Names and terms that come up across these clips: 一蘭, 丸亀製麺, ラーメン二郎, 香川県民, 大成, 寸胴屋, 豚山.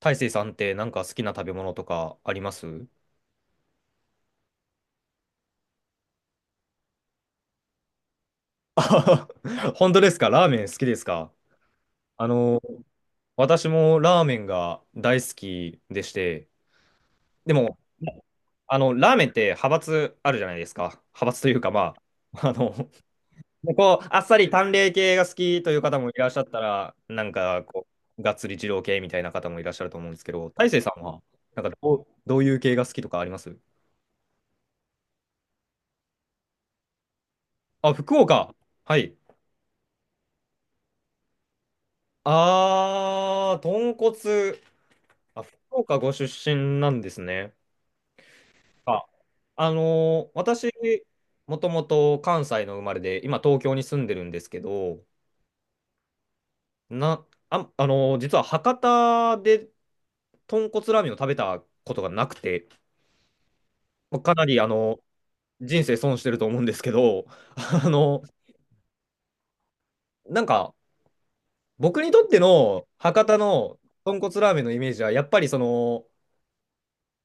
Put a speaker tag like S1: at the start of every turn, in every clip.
S1: 大成さんってなんか好きな食べ物とかあります？あはは 本当ですか？ラーメン好きですか？あの、私もラーメンが大好きでして、でも、ラーメンって派閥あるじゃないですか。派閥というか、まあ、こう、あっさり淡麗系が好きという方もいらっしゃったら、なんか、こう、がっつり二郎系みたいな方もいらっしゃると思うんですけど、大成さんは、なんかどういう系が好きとかあります？あ、福岡。はい。あー、豚骨。あ、福岡ご出身なんですね。あ、私、もともと関西の生まれで、今東京に住んでるんですけど、な、あ、あのー実は博多で豚骨ラーメンを食べたことがなくて、まあかなり、人生損してると思うんですけど、あのなんか、僕にとっての博多の豚骨ラーメンのイメージは、やっぱりその、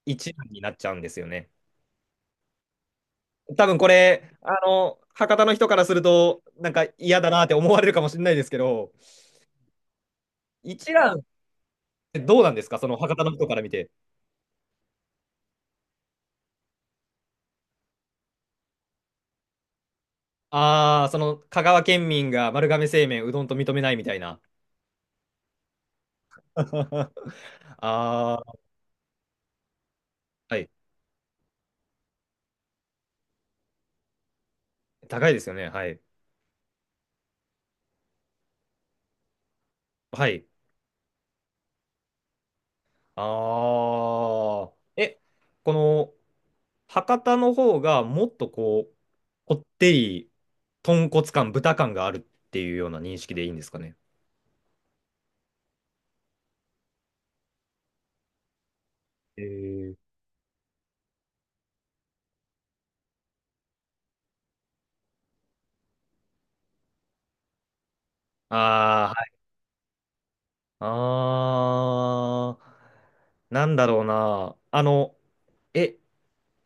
S1: 一蘭になっちゃうんですよね。多分これ、博多の人からすると、なんか嫌だなって思われるかもしれないですけど、一蘭ってどうなんですか？その博多の人から見て。ああ、その香川県民が丸亀製麺うどんと認めないみたいな。ああ、はい。高いですよね。はい。はい。ああ。え、この博多の方がもっとこう、こってり、豚骨感、豚感があるっていうような認識でいいんですかね。えーああ、あー、なんだろうな。え、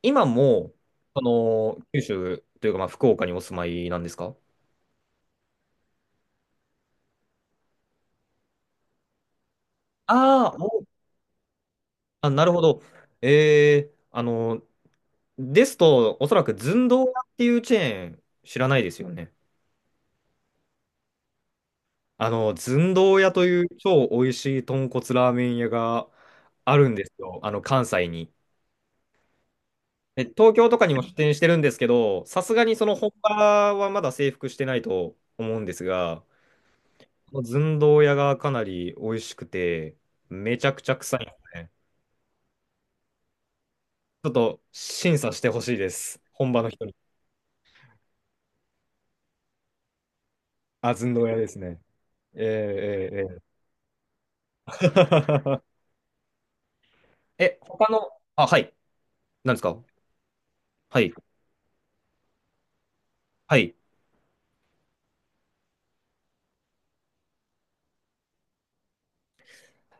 S1: 今も、その、九州というか、まあ、福岡にお住まいなんですか？ああー、あ、なるほど。えー、あの、ですと、おそらく寸胴屋っていうチェーン、知らないですよね。寸胴屋という超美味しい豚骨ラーメン屋があるんですよ。関西に。え、東京とかにも出店してるんですけど、さすがにその本場はまだ征服してないと思うんですが、この寸胴屋がかなり美味しくて、めちゃくちゃ臭いですね。ちょっと審査してほしいです。本場の人に。あ、寸胴屋ですね。えー、えー、えー え、他の、あ、はい。なんですか？はい。はい。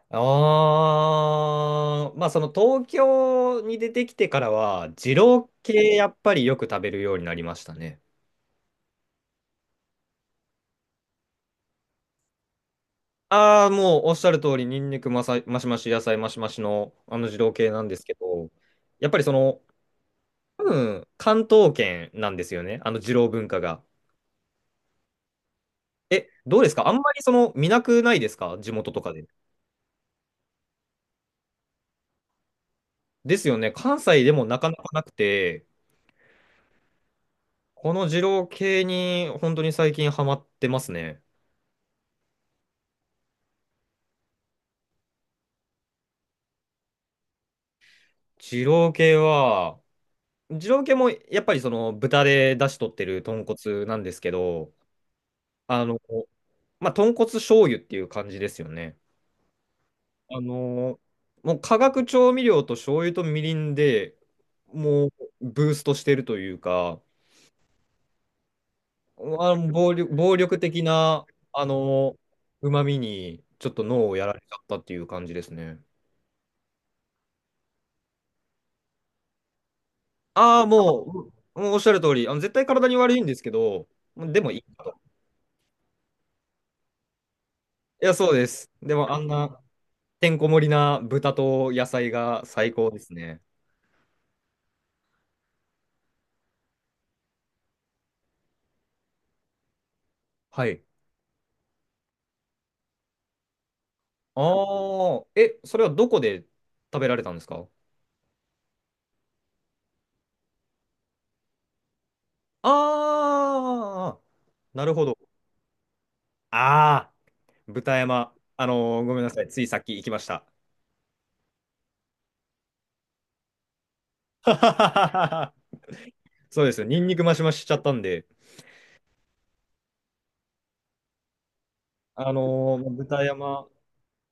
S1: あー、まあその東京に出てきてからは、二郎系やっぱりよく食べるようになりましたね。ああ、もうおっしゃる通り、ニンニクマシマシ、野菜マシマシのあの二郎系なんですけど、やっぱりその、多分、関東圏なんですよね、あの二郎文化が。え、どうですか？あんまりその見なくないですか？地元とかで。ですよね、関西でもなかなかなくて、この二郎系に本当に最近ハマってますね。二郎系は、二郎系もやっぱりその豚で出汁取ってる豚骨なんですけど、あの、まあ、豚骨醤油っていう感じですよね。あのーもう化学調味料と醤油とみりんでもうブーストしてるというか、あの暴力的な、あのうまみにちょっと脳をやられちゃったっていう感じですね。ああ、もうおっしゃる通り、絶対体に悪いんですけど、でもいいかと。いや、そうです。でもあんなてんこ盛りな豚と野菜が最高ですね。はい。ああ、え、それはどこで食べられたんですか？ああ、なるほど。ああ、豚山。ごめんなさい。ついさっき行きました。はははは。そうです。ニンニクマシマシしちゃったんで。あのー豚山、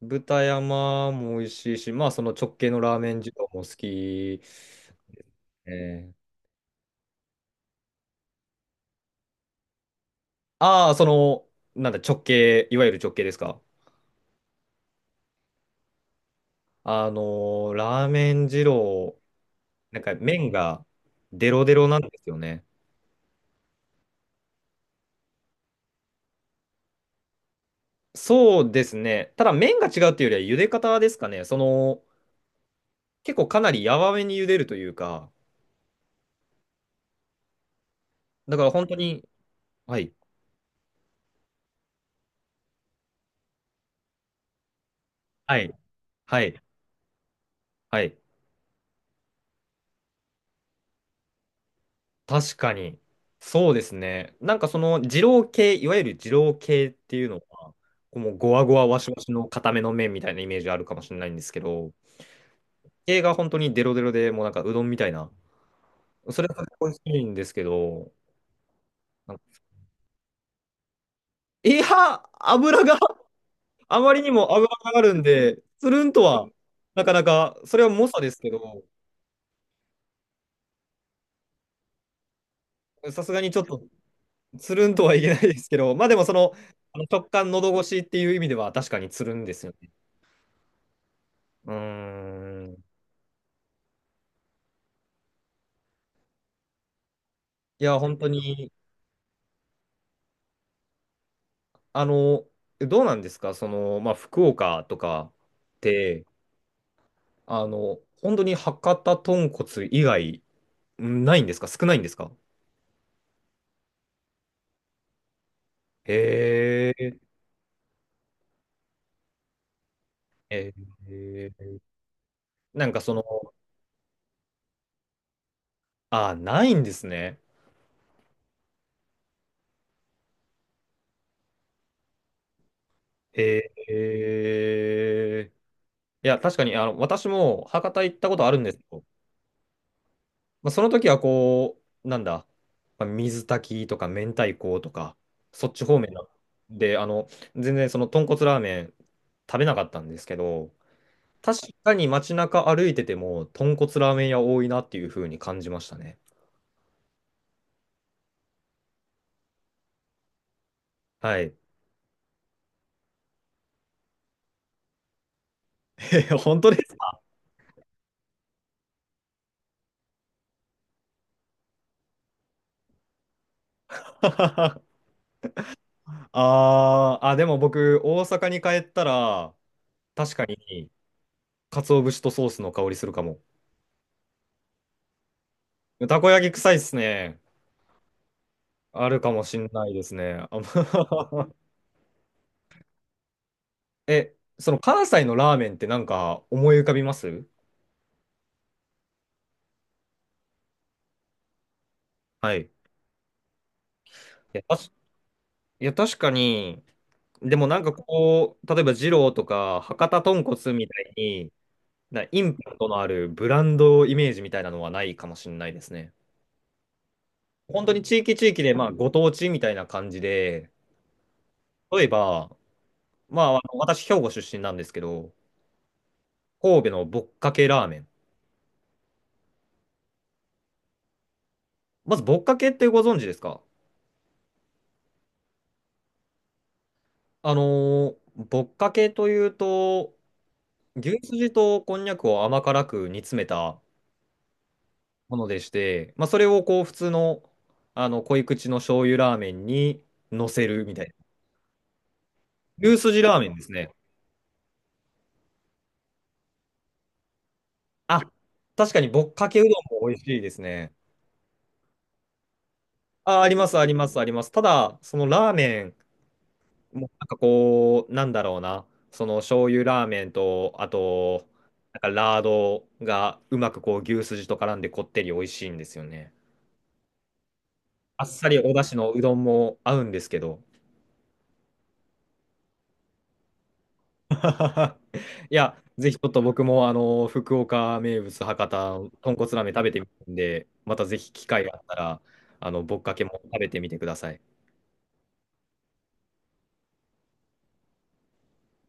S1: 豚山も美味しいし、まあ、その直系のラーメン二郎も好き。え、ああー、その、なんだ、いわゆる直系ですか？あのラーメン二郎、なんか麺がデロデロなんですよね。そうですね。ただ麺が違うっていうよりは茹で方ですかね。その、結構かなり柔らめに茹でるというか、だから本当に、はい、はい、はい、はい。確かに。そうですね。なんかその二郎系、いわゆる二郎系っていうのは、こうもうゴワゴワワシワシの固めの麺みたいなイメージあるかもしれないんですけど、系が本当にデロデロでもうなんかうどんみたいな、それが美味しいんですけど、なんかいや、油があまりにも脂があるんで、つるんとは、なかなか、それは猛者ですけど、さすがにちょっとつるんとはいけないですけど、まあでもその、あの直感喉越しっていう意味では確かにつるんですよね。うーん。いや、本当に、あの、どうなんですか、その、まあ福岡とかって、本当に博多豚骨以外、んないんですか少ないんですか？へえ、えー、なんかその、あ、ないんですね。えーえーいや、確かに、私も博多行ったことあるんですよ。まあ、その時はこう、なんだ、まあ、水炊きとか明太子とか、そっち方面だで、全然その豚骨ラーメン食べなかったんですけど、確かに街中歩いてても、豚骨ラーメン屋多いなっていう風に感じましたね。はい。本当ですか？ あーあ、でも僕、大阪に帰ったら、確かに、鰹節とソースの香りするかも。たこ焼き臭いっすね。あるかもしんないですね。ま え、その関西のラーメンってなんか思い浮かびます？はい。いや、確かに、でもなんかこう、例えば二郎とか博多豚骨みたいに、インパクトのあるブランドイメージみたいなのはないかもしんないですね。本当に地域地域で、まあ、ご当地みたいな感じで、例えば、まあ、私、兵庫出身なんですけど、神戸のぼっかけラーメン。まず、ぼっかけってご存知ですか？ぼっかけというと、牛すじとこんにゃくを甘辛く煮詰めたものでして、まあ、それをこう普通の、あの濃い口の醤油ラーメンに乗せるみたいな。牛すじラーメンですね。あ、確かにぼっかけうどんも美味しいですね。あ、あります、あります、あります。ただ、そのラーメン、もうなんかこう、なんだろうな、その醤油ラーメンと、あと、なんかラードがうまくこう牛すじと絡んでこってり美味しいんですよね。あっさりお出汁のうどんも合うんですけど。いや、ぜひちょっと僕もあの福岡名物博多豚骨ラーメン食べてみるんで、またぜひ機会があったら、あのぶっかけも食べてみてください。